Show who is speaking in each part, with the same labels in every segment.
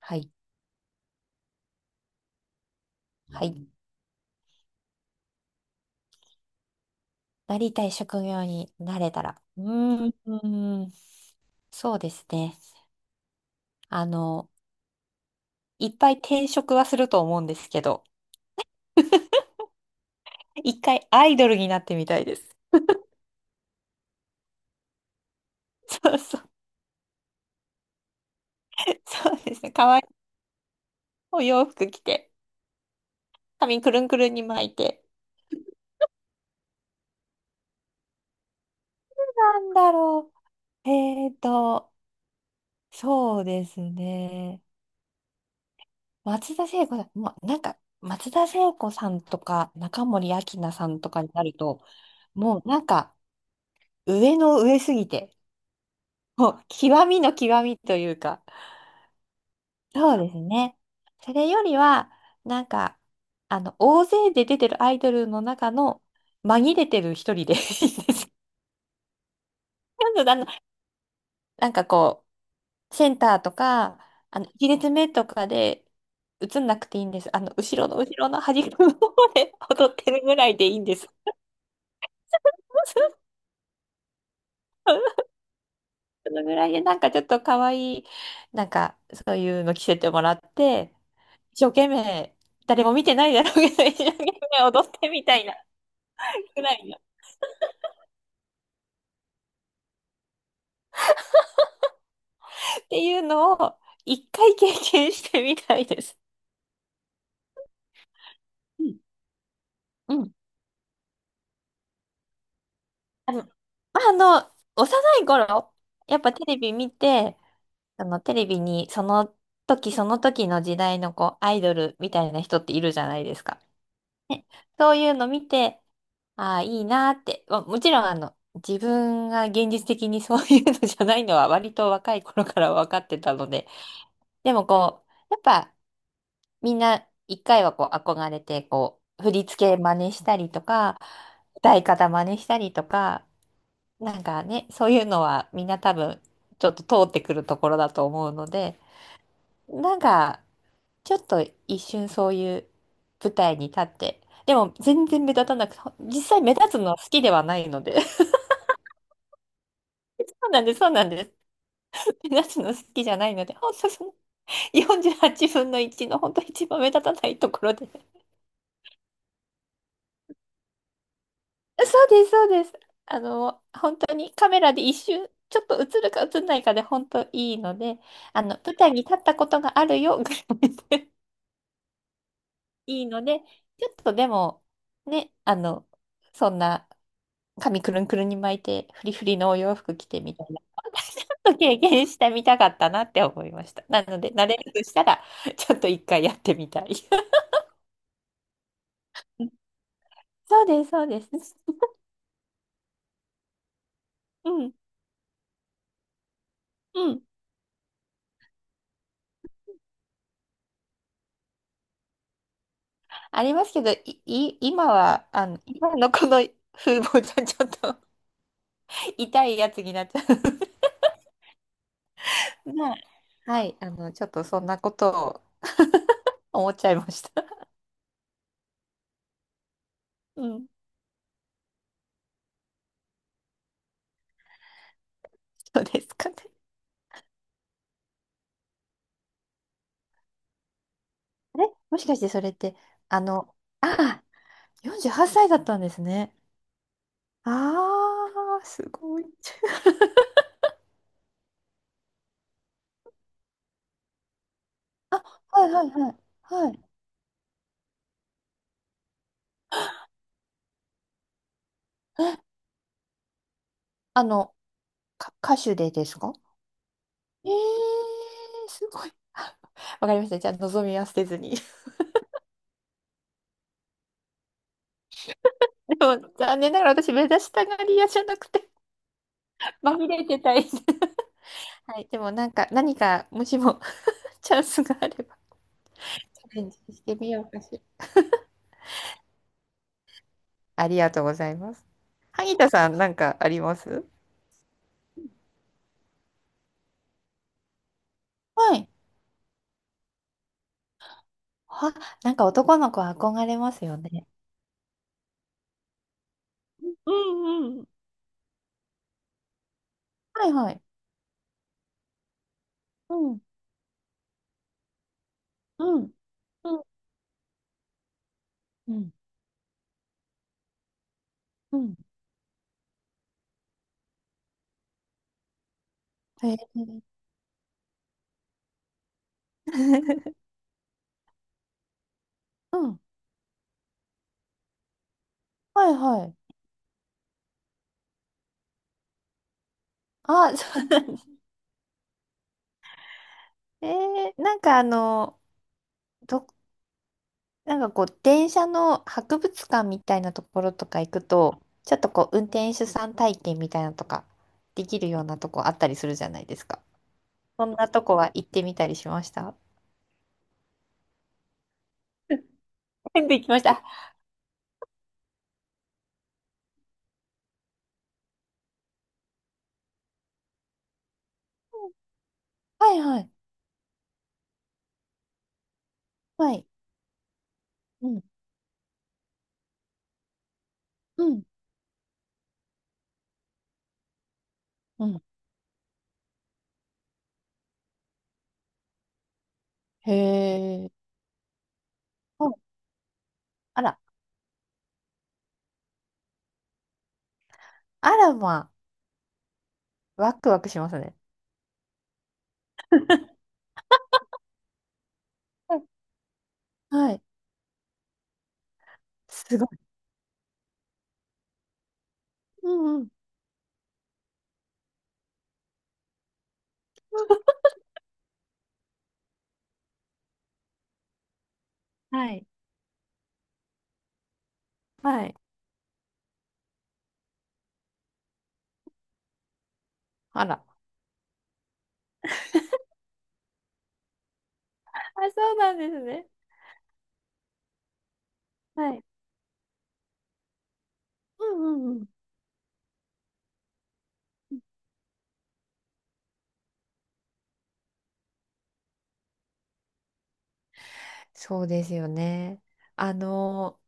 Speaker 1: はい。はい。なりたい職業になれたら。うーん。うーん、そうですね。あの、いっぱい転職はすると思うんですけど、一回アイドルになってみたいです。そうそう。そうですね。かわいいお洋服着て、髪くるんくるんに巻いて。なんだろう。そうですね。松田聖子さん、もうなんか、松田聖子さんとか、中森明菜さんとかになると、もうなんか、上の上すぎて、もう極みの極みというか、そうですね。それよりは、なんか、大勢で出てるアイドルの中の紛れてる一人で いいです。なんかあのなんかこセンターとか、あの、1列目とかで映んなくていいんです。あの、後ろの後ろの端っこの方で踊ってるぐらいでいいんです。そのぐらいで、ちょっと可愛い、そういうの着せてもらって、一生懸命、誰も見てないだろうけど、一生懸命踊ってみたいな、ぐらいの。っていうのを、一回経験してみたいです。うん。うん、あの、まあ、あ幼い頃、やっぱテレビ見て、あの、テレビにその時その時の時代のこう、アイドルみたいな人っているじゃないですか。ね、そういうの見て、ああ、いいなーって。まあ、もちろん、あの、自分が現実的に そういうのじゃないのは割と若い頃から分かってたので。でもこう、やっぱみんな一回はこう憧れて、こう、振り付け真似したりとか、歌い方真似したりとか、なんかね、そういうのはみんな多分ちょっと通ってくるところだと思うので、なんかちょっと一瞬そういう舞台に立って、でも全然目立たなくて、実際目立つのは好きではないので。そうなんです、そうなんです。目立つの好きじゃないので、ほんその48分の1の本当一番目立たないところで。そうです、そうです。あの、本当にカメラで一瞬、ちょっと映るか映んないかで本当いいので、あの、舞台に立ったことがあるよぐらいで いいので、ちょっとでも、ね、あの、そんな髪くるんくるんに巻いて、フリフリのお洋服着てみたいな、ちょっと経験してみたかったなって思いました。なので、慣れるとしたら、ちょっと一回やってみたい。そうです、そうです。うん、うん。ありますけど、今は、あの、今のこの風貌じゃちょっと痛いやつになっちゃう。まあ、はい、あの、ちょっとそんなことを 思っちゃいました。うん、そうですかね。あれもしかしてそれって、あの、ああ、48歳だったんですね。ああ、すごい。あ、はいはいはい。はい。え、あの、歌手でですか？えー、すごい。あ、わかりました。じゃあ、望みは捨てずに。でも、残念ながら私、目指したがり屋じゃなくて、まみれてたい。はい。でも、もしも、チャンスがあれば、チャレンジしてみようかしら。ありがとうございます。萩田さん、なんかあります？はい。は、なんか男の子は憧れますよね。うんうん、はいはい。うん。うんうんうんうん、へえ。うん、はいはい。あ、そうなんです。えー、なんかあの、ど、なんかこう、電車の博物館みたいなところとか行くと、ちょっとこう、運転手さん体験みたいなのとか、できるようなとこあったりするじゃないですか。そんなとこは行ってみたりしました？うんで きました。はいはい。はい。うんうんうん、へえ。お、あら、あらま、ワクワクしますね。うん、はい。すごい。うんうん。はい。はい。あら。あ、そうなんですね。はい。うんうんうん。そうですよね。あの、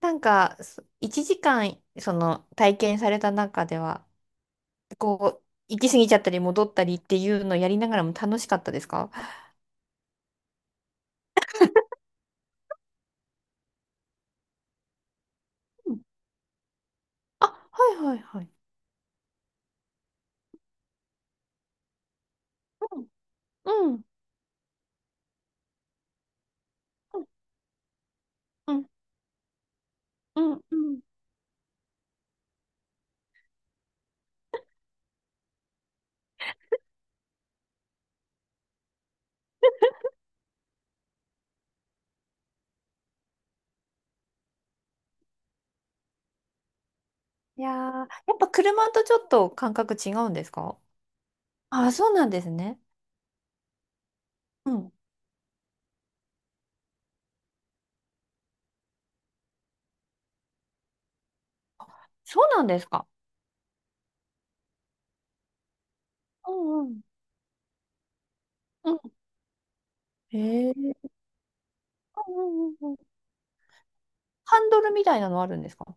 Speaker 1: 一時間、その、体験された中では、こう、行き過ぎちゃったり戻ったりっていうのをやりながらも楽しかったですか？うん、あ、はいはいはい。うんうん。うんうんうんうん、いやー、やっぱ車とちょっと感覚違うんですか？あ、そうなんですね。うん、そうなんですか。うんうん。うん。へえ。うんうんうんうん。ハンドルみたいなのあるんですか？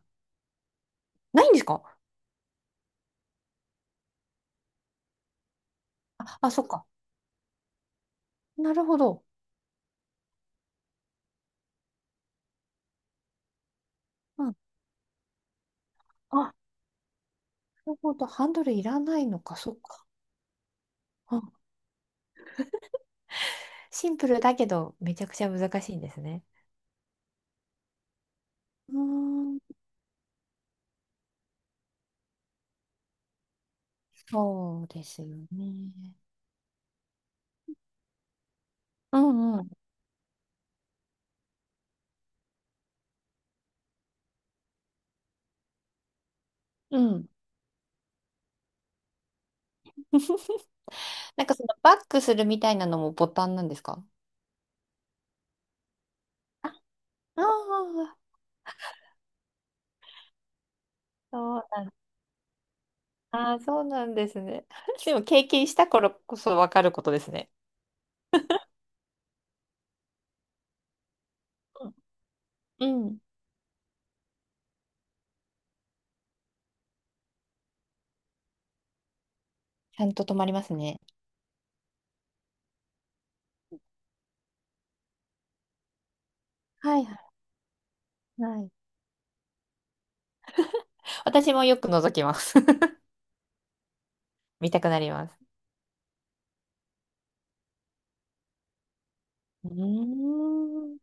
Speaker 1: ないんですか？あ、あ、そっか。なるほど。うん、あ、なるほど。ハンドルいらないのか、そっか。うん、シンプルだけど、めちゃくちゃ難しいんですね。うーん、そうですよね。うんうん。うん。なんかそのバックするみたいなのもボタンなんですか？あ、あ、そうなん、あー、そうなんですね。でも経験した頃こそわかることですね。うん。ちゃんと止まりますね。はいはいはい。私もよく覗きます。見たくなります。うーん。